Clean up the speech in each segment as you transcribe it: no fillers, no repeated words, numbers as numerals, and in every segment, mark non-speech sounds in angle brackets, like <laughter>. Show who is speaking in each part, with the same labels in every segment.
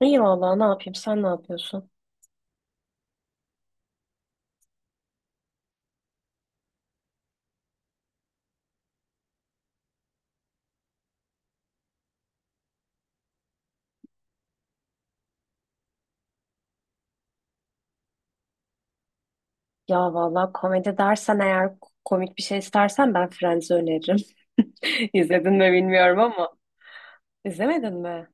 Speaker 1: İyi valla ne yapayım, sen ne yapıyorsun? Ya valla komedi dersen eğer komik bir şey istersen ben Friends'i öneririm. <laughs> İzledin mi bilmiyorum ama. İzlemedin mi?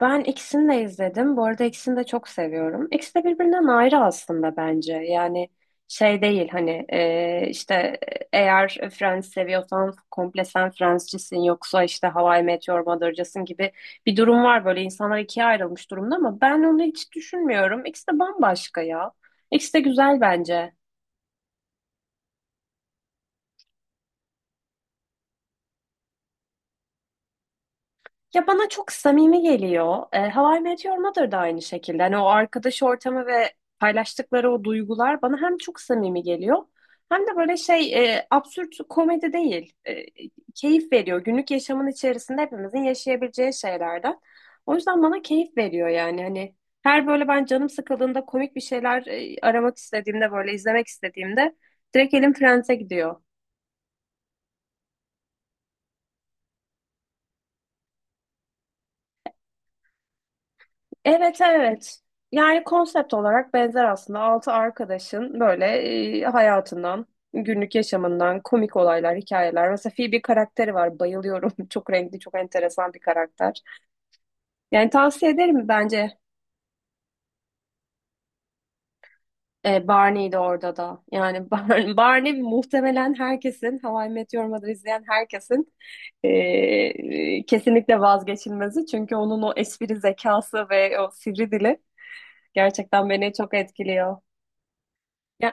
Speaker 1: Ben ikisini de izledim. Bu arada ikisini de çok seviyorum. İkisi de birbirinden ayrı aslında bence. Yani şey değil hani işte eğer Friends seviyorsan komple sen Friends'cisin, yoksa işte How I Met Your Mother'cısın gibi bir durum var, böyle insanlar ikiye ayrılmış durumda ama ben onu hiç düşünmüyorum. İkisi de bambaşka ya. İkisi de güzel bence. Ya bana çok samimi geliyor. How I Met Your Mother da aynı şekilde. Hani o arkadaş ortamı ve paylaştıkları o duygular bana hem çok samimi geliyor hem de böyle şey absürt komedi değil. Keyif veriyor. Günlük yaşamın içerisinde hepimizin yaşayabileceği şeylerden. O yüzden bana keyif veriyor yani. Hani her böyle ben canım sıkıldığında komik bir şeyler aramak istediğimde, böyle izlemek istediğimde direkt elim Friends'e gidiyor. Evet, evet. Yani konsept olarak benzer aslında. Altı arkadaşın böyle hayatından, günlük yaşamından komik olaylar, hikayeler. Mesela Phoebe karakteri var. Bayılıyorum. <laughs> Çok renkli, çok enteresan bir karakter. Yani tavsiye ederim bence. Barney'di orada da. Yani <laughs> Barney muhtemelen herkesin, How I Met Your Mother izleyen herkesin kesinlikle vazgeçilmezi. Çünkü onun o espri zekası ve o sivri dili gerçekten beni çok etkiliyor. Ya.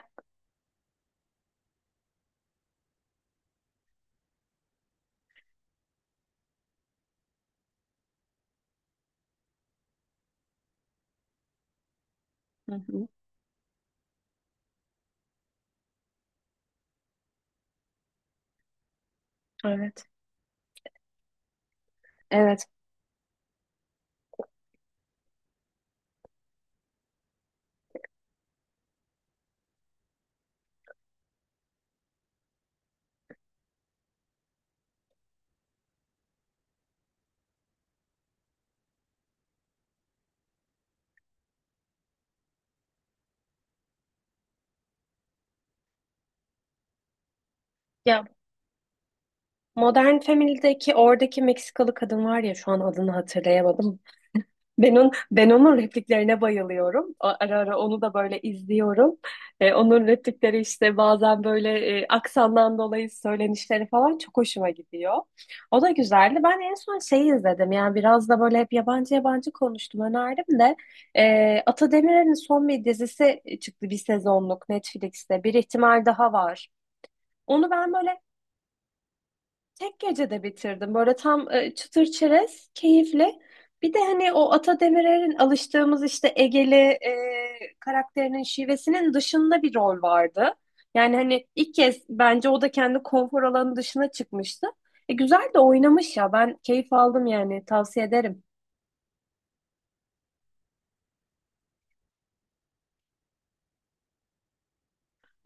Speaker 1: Hı hı. Evet. Evet. Ya Modern Family'deki oradaki Meksikalı kadın var ya, şu an adını hatırlayamadım. Ben onun repliklerine bayılıyorum. Ara ara onu da böyle izliyorum. Onun replikleri işte bazen böyle aksandan dolayı söylenişleri falan çok hoşuma gidiyor. O da güzeldi. Ben en son şeyi izledim. Yani biraz da böyle hep yabancı yabancı konuştum. Önerdim de. Ata Demirer'in son bir dizisi çıktı, bir sezonluk, Netflix'te. Bir ihtimal daha Var. Onu ben böyle tek gecede bitirdim. Böyle tam çıtır çerez, keyifli. Bir de hani o Ata Demirer'in alıştığımız işte Egeli karakterinin şivesinin dışında bir rol vardı. Yani hani ilk kez bence o da kendi konfor alanı dışına çıkmıştı. Güzel de oynamış ya. Ben keyif aldım yani. Tavsiye ederim.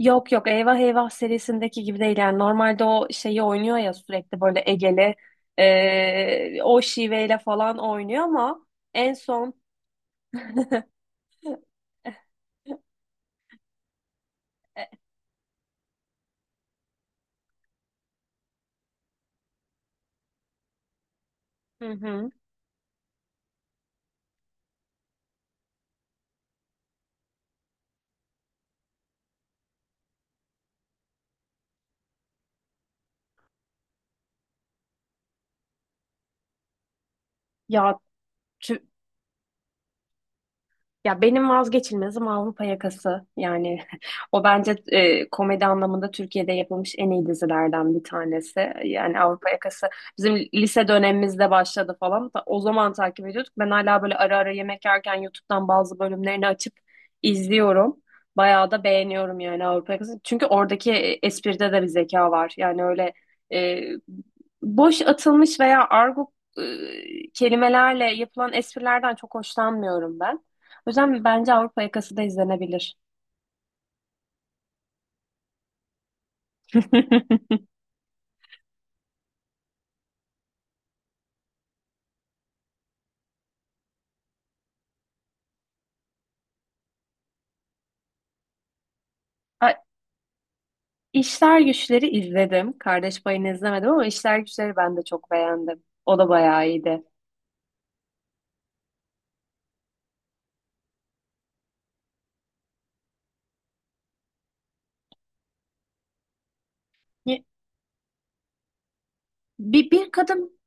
Speaker 1: Yok yok, Eyvah Eyvah serisindeki gibi değil. Yani normalde o şeyi oynuyor ya, sürekli böyle Egeli o şiveyle falan oynuyor ama en son. <laughs> Hı hı. Ya tü- ya benim vazgeçilmezim Avrupa Yakası. Yani <laughs> o bence komedi anlamında Türkiye'de yapılmış en iyi dizilerden bir tanesi. Yani Avrupa Yakası bizim lise dönemimizde başladı falan. O zaman takip ediyorduk. Ben hala böyle ara ara yemek yerken YouTube'dan bazı bölümlerini açıp izliyorum. Bayağı da beğeniyorum yani Avrupa Yakası. Çünkü oradaki espride de bir zeka var. Yani öyle e, boş atılmış veya argo e, kelimelerle yapılan esprilerden çok hoşlanmıyorum ben. O yüzden bence Avrupa Yakası da izlenebilir. <laughs> A- İşler Güçler'i izledim. Kardeş Payı'nı izlemedim ama İşler Güçler'i ben de çok beğendim. O da bayağı iyiydi. Ye- bir kadın,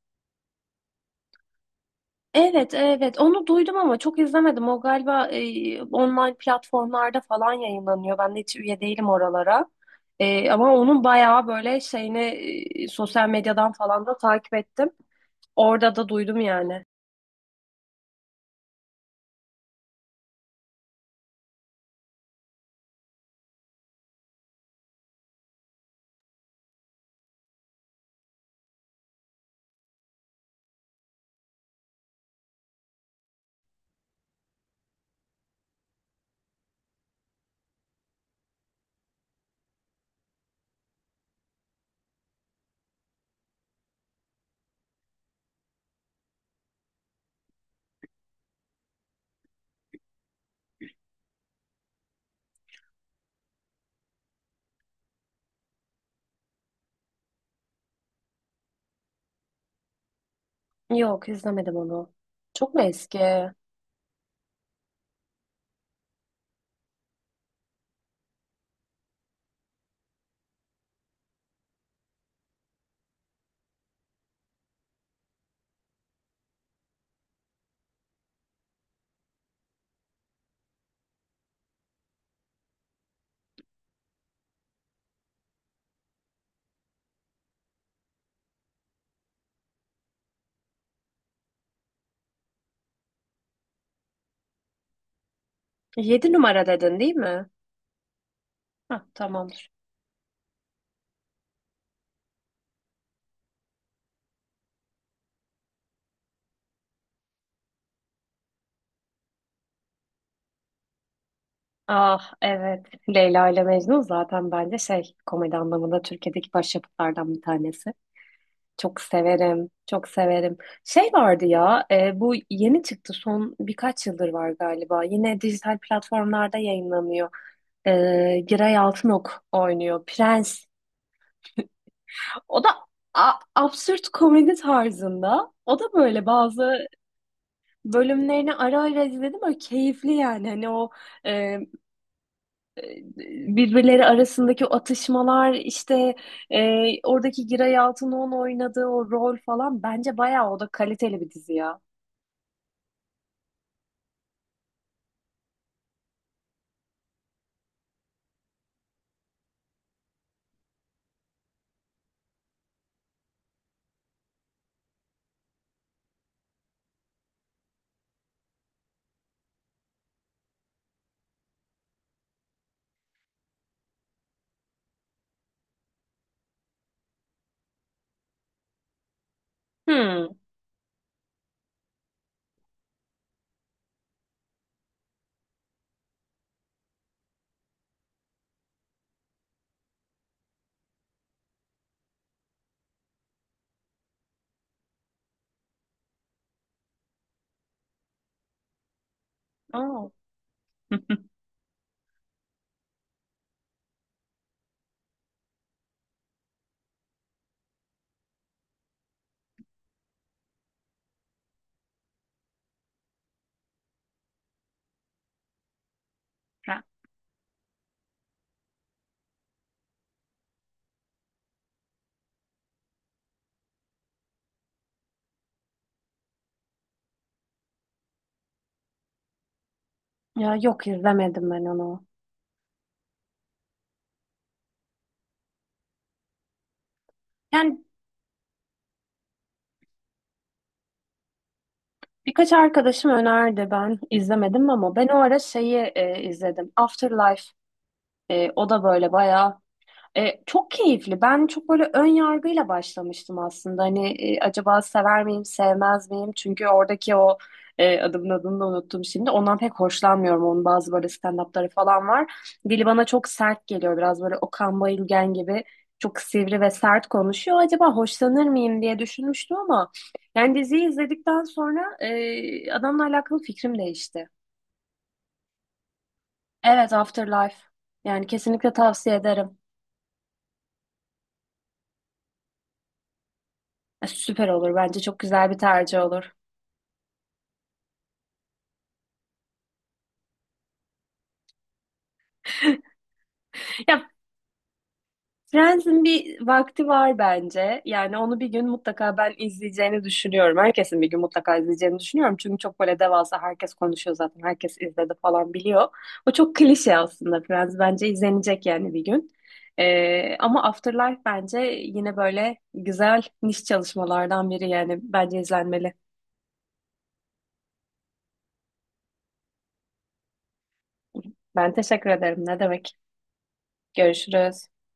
Speaker 1: evet evet, onu duydum ama çok izlemedim. O galiba online platformlarda falan yayınlanıyor. Ben de hiç üye değilim oralara. Ama onun bayağı böyle şeyini sosyal medyadan falan da takip ettim. Orada da duydum yani. Yok, izlemedim onu. Çok mu eski? Yedi Numara dedin değil mi? Hah, tamamdır. Ah, evet. Leyla ile Mecnun zaten bence şey, komedi anlamında Türkiye'deki başyapıtlardan bir tanesi. Çok severim. Çok severim. Şey vardı ya, bu yeni çıktı, son birkaç yıldır var galiba. Yine dijital platformlarda yayınlanıyor. E, Giray Altınok oynuyor. Prens. O da absürt komedi tarzında. O da böyle bazı bölümlerini ara ara izledim. Böyle keyifli yani. Hani o e, birbirleri arasındaki o atışmalar, işte oradaki Giray Altınoğlu'nun oynadığı o rol falan bence bayağı, o da kaliteli bir dizi ya. Hmm. Oo. <laughs> Ha. Ya yok, izlemedim ben onu. Yani birkaç arkadaşım önerdi, ben izlemedim ama ben o ara şeyi izledim. Afterlife. O da böyle bayağı. Çok keyifli. Ben çok böyle ön yargıyla başlamıştım aslında. Hani acaba sever miyim, sevmez miyim? Çünkü oradaki o adamın adını da unuttum şimdi. Ondan pek hoşlanmıyorum. Onun bazı böyle stand-up'ları falan var. Dili bana çok sert geliyor. Biraz böyle Okan Bayülgen gibi çok sivri ve sert konuşuyor. Acaba hoşlanır mıyım diye düşünmüştüm ama yani diziyi izledikten sonra adamla alakalı fikrim değişti. Evet, Afterlife. Yani kesinlikle tavsiye ederim. Süper olur. Bence çok güzel bir tercih olur. Ya Friends'in bir vakti var bence. Yani onu bir gün mutlaka ben izleyeceğini düşünüyorum. Herkesin bir gün mutlaka izleyeceğini düşünüyorum. Çünkü çok böyle devasa, herkes konuşuyor zaten. Herkes izledi falan, biliyor. O çok klişe aslında, Friends. Bence izlenecek yani bir gün. Ama Afterlife bence yine böyle güzel niş çalışmalardan biri yani. Bence izlenmeli. Ben teşekkür ederim. Ne demek? Görüşürüz.